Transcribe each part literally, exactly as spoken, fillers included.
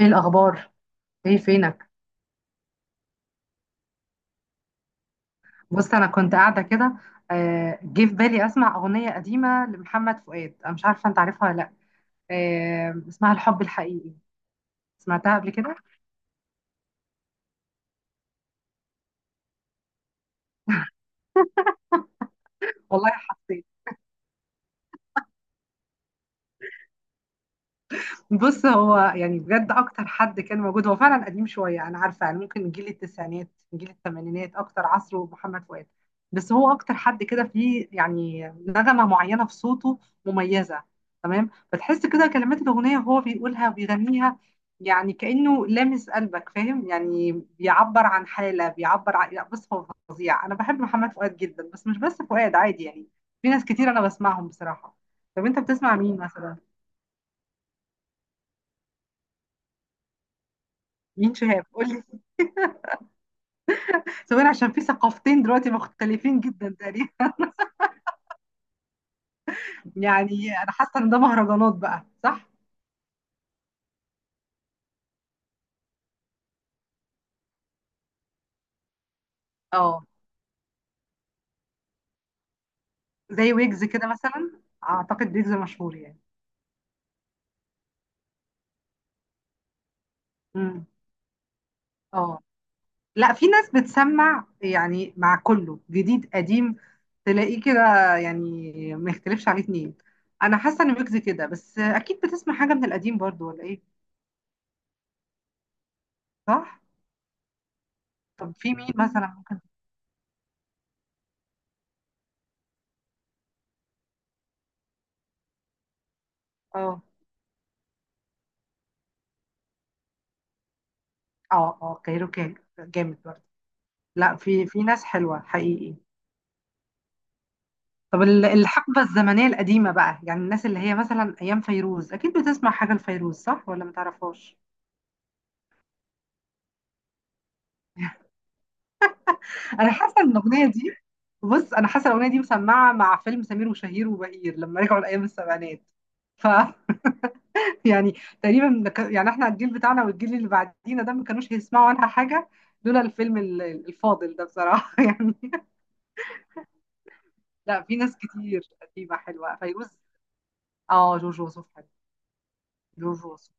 ايه الاخبار؟ ايه فينك؟ بص، انا كنت قاعده كده. آه، جه في بالي اسمع اغنيه قديمه لمحمد فؤاد. انا مش عارفه انت عارفها ولا لا؟ آه، اسمها الحب الحقيقي. سمعتها قبل كده؟ والله حسيت. بص، هو يعني بجد اكتر حد كان موجود. هو فعلا قديم شويه، انا عارفه، يعني ممكن جيل التسعينات. جيل الثمانينات اكتر عصره محمد فؤاد. بس هو اكتر حد كده فيه، يعني نغمه معينه في صوته مميزه. تمام، فتحس كده كلمات الاغنيه وهو بيقولها وبيغنيها. يعني كانه لامس قلبك، فاهم يعني. بيعبر عن حاله، بيعبر عن... لا، بص هو فظيع، انا بحب محمد فؤاد جدا، بس مش بس فؤاد عادي يعني. في ناس كتير انا بسمعهم بصراحه. طب انت بتسمع مين مثلا؟ مين شهاب؟ قول. سواء عشان في ثقافتين دلوقتي مختلفين جدا تقريبا. يعني انا حاسه ان ده مهرجانات بقى، صح؟ اه، زي ويجز كده مثلا، اعتقد ويجز مشهور يعني. امم. اه. لا، في ناس بتسمع يعني مع كله جديد قديم. تلاقيه كده، يعني ما يختلفش عليه اتنين. انا حاسه ان ويجز كده، بس اكيد بتسمع حاجه من القديم برضو، ولا ايه؟ صح. طب في مين مثلا ممكن؟ اه، اه، اه، كايروكي جامد برضه. لا، في في ناس حلوه حقيقي. طب، ال- الحقبة الزمنية القديمة بقى، يعني الناس اللي هي مثلا أيام فيروز، أكيد بتسمع حاجة لفيروز، صح ولا متعرفهاش؟ أنا حاسة إن الأغنية دي... بص، أنا حاسة الأغنية دي مسمعة مع فيلم سمير وشهير وبهير لما رجعوا لأيام السبعينات. ف يعني، تقريبا ك- يعني احنا الجيل بتاعنا والجيل اللي بعدينا ده ما كانوش هيسمعوا عنها حاجة لولا الفيلم ال- الفاضل ده، بصراحة يعني. لا، في ناس كتير قديمة حلوة. فيروز. اه، جورج وسوف حلو. جورج وسوف.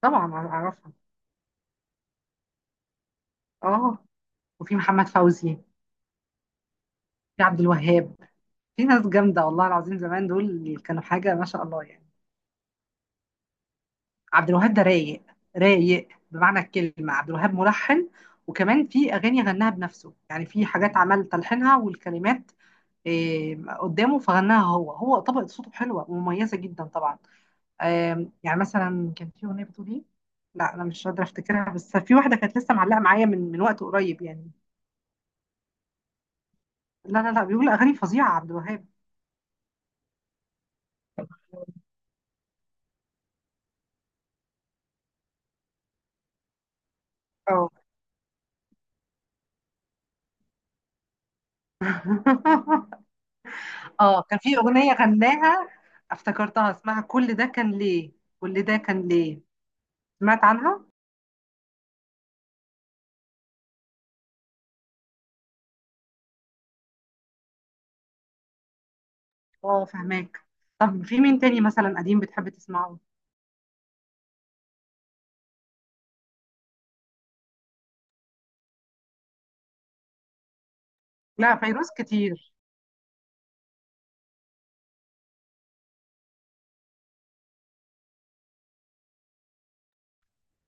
طبعا أعرفها. اه، وفي محمد فوزي. في عبد الوهاب. في ناس جامدة والله العظيم، زمان دول اللي كانوا حاجة ما شاء الله يعني. عبد الوهاب ده رايق. رايق بمعنى الكلمة. عبد الوهاب ملحن، وكمان في أغاني غناها بنفسه، يعني في حاجات عمل تلحينها والكلمات. إيه، قدامه فغناها هو، هو طبقة صوته حلوة ومميزة جدا طبعا. آم، يعني مثلا كان في أغنية بتقول إيه؟ لا، أنا مش قادرة أفتكرها، بس في واحدة كانت لسه معلقة معايا من من وقت قريب يعني. لا، لا، لا، بيقول أغاني فظيعة عبد الوهاب. اه. اه، كان في اغنيه غناها، افتكرتها، اسمها كل ده كان ليه. كل ده كان ليه. سمعت عنها؟ اه، فهماك. طب في مين تاني مثلا قديم بتحب تسمعه؟ لا، فيروز كتير.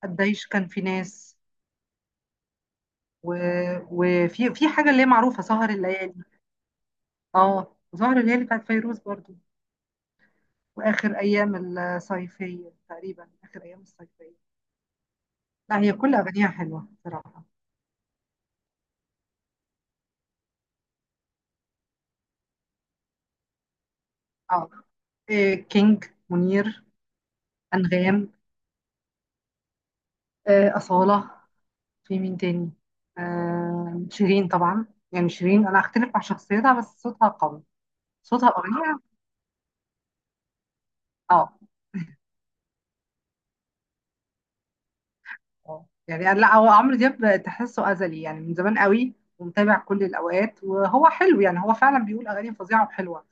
قديش كان في ناس. و... وفي في حاجه اللي هي معروفه سهر الليالي. اه، سهر الليالي بتاعت فيروز برضو. واخر ايام الصيفيه تقريبا، اخر ايام الصيفيه. لا، هي كل اغانيها حلوه بصراحه. اه، إيه كينج. منير. انغام. آه، أصالة. في مين تاني؟ آه شيرين طبعا. يعني شيرين انا هختلف مع شخصيتها، بس صوتها قوي. صوتها الاغنيه. اه. اه، يعني لا، هو عمرو دياب تحسه ازلي يعني من زمان قوي، ومتابع كل الاوقات، وهو حلو يعني، هو فعلا بيقول اغاني فظيعه وحلوه.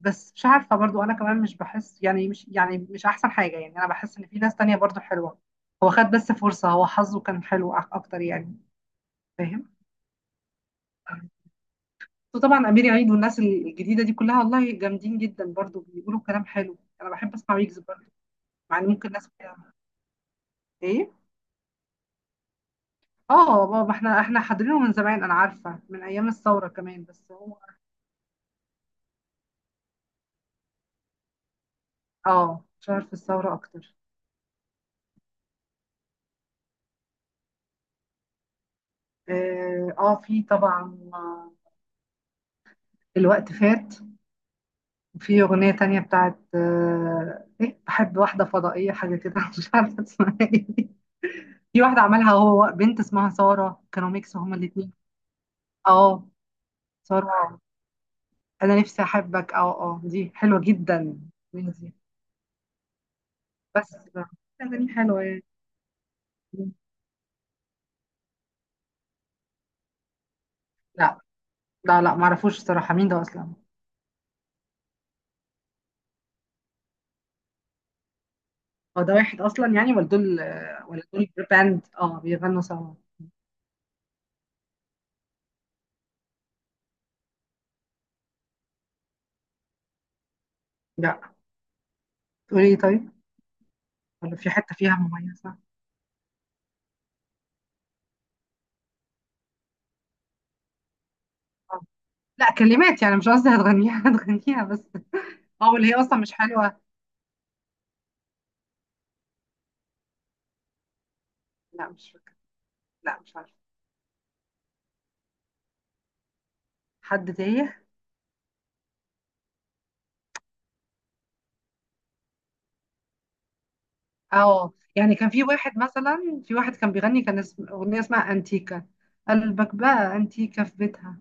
بس مش عارفه برضو، انا كمان مش بحس يعني، مش يعني، مش احسن حاجه يعني. انا بحس ان في ناس تانية برضو حلوه. هو خد بس فرصه، هو حظه كان حلو أك- اكتر يعني. فاهم. وطبعا امير عيد والناس الجديده دي كلها والله جامدين جدا برضو، بيقولوا كلام حلو. انا بحب اسمع ويجز برضو. يعني ممكن ناس. ايه. اه بابا، احنا احنا حاضرينه من زمان، انا عارفه من ايام الثوره كمان، بس هو... اه، شهر في الثوره اكتر. اه، آه في طبعا. آه، الوقت فات. في اغنيه تانية بتاعت آه ايه بحب واحده فضائيه حاجه كده مش عارفه اسمها ايه. في واحده عملها هو بنت اسمها ساره، كانوا ميكس هما الاثنين. اه. ساره. انا نفسي احبك، اه، اه، دي حلوه جدا. مين دي؟ بس لا، اغاني حلوه يعني. لا، لا، لا، ما اعرفوش الصراحه مين ده اصلا. هو ده واحد اصلا يعني، ولا دول آه، ولا دول باند اه بيغنوا سوا؟ لا. تقولي ايه طيب؟ ولا في حته فيها مميزه؟ آه. لا، كلمات يعني، مش قصدي هتغنيها هتغنيها بس. اه، واللي هي اصلا مش حلوه. لا، مش فاكره. لا، مش عارفه. حد تايه؟ اه يعني، كان في واحد مثلا، في واحد كان بيغني، كان اسم اغنيه اسمها انتيكا. قلبك بقى انتيكا في بيتها.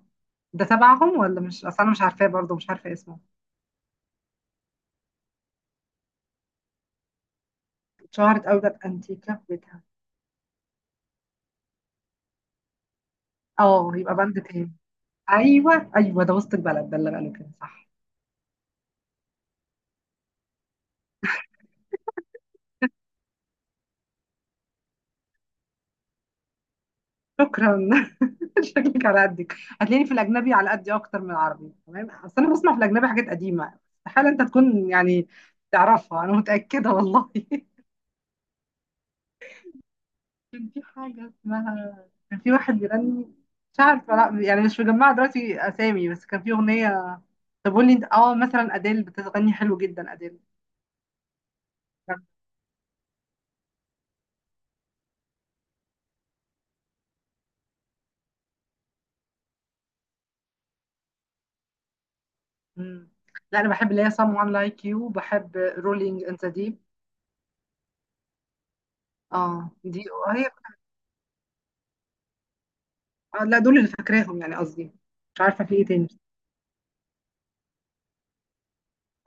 ده تبعهم ولا مش؟ اصل انا مش عارفاه برضه، مش عارفه اسمه. اتشهرت قوي ده، بانتيكا في بيتها. اه، يبقى بند تاني. ايوه، ايوه، ده وسط البلد، ده اللي قالوا كده، صح. شكرا. شكلك على قدك، هتلاقيني في الاجنبي على قدي اكتر من العربي، تمام؟ اصل انا بسمع في الاجنبي حاجات قديمه، استحاله انت تكون يعني تعرفها، انا متاكده والله كان في حاجه اسمها... كان في واحد بيغني. مش عارفه، لا يعني مش مجمعه دلوقتي اسامي، بس كان في اغنيه. طب قول لي انت، اه مثلا اديل بتغني حلو جدا، اديل. مم. لا، انا بحب اللي هي someone like you، بحب rolling in the deep. اه، دي هي. آه لا، دول اللي فاكراهم يعني، قصدي مش عارفه في ايه تاني.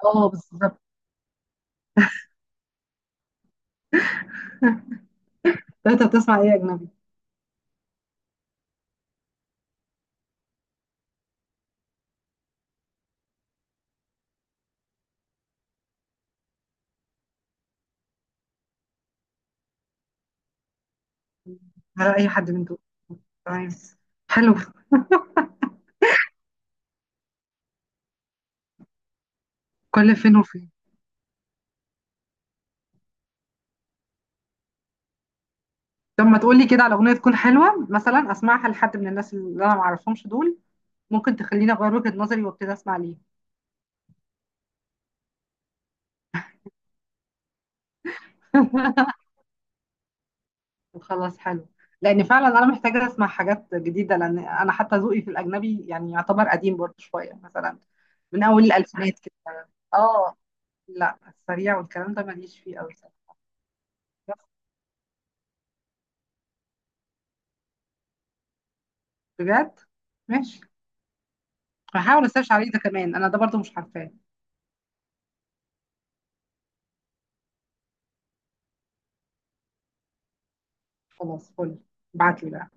اه، بالظبط. لا، انت بتسمع ايه اجنبي؟ على اي حد من دول؟ تمام. حلو. كل فين وفين. طب ما تقولي كده على اغنيه تكون حلوه مثلا، اسمعها لحد من الناس اللي انا ما اعرفهمش دول. ممكن تخليني اغير وجهه نظري وابتدي اسمع ليه. وخلاص، حلو. لان فعلا انا محتاجه اسمع حاجات جديده، لان انا حتى ذوقي في الاجنبي يعني يعتبر قديم برضه شويه مثلا، من اول الالفينات كده. اه. لا، السريع والكلام ده ماليش فيه قوي. بجد؟ ماشي. هحاول اسيرش عليه ده كمان، انا ده برضه مش عارفاه. خلاص، فل. ابعتلي بقى.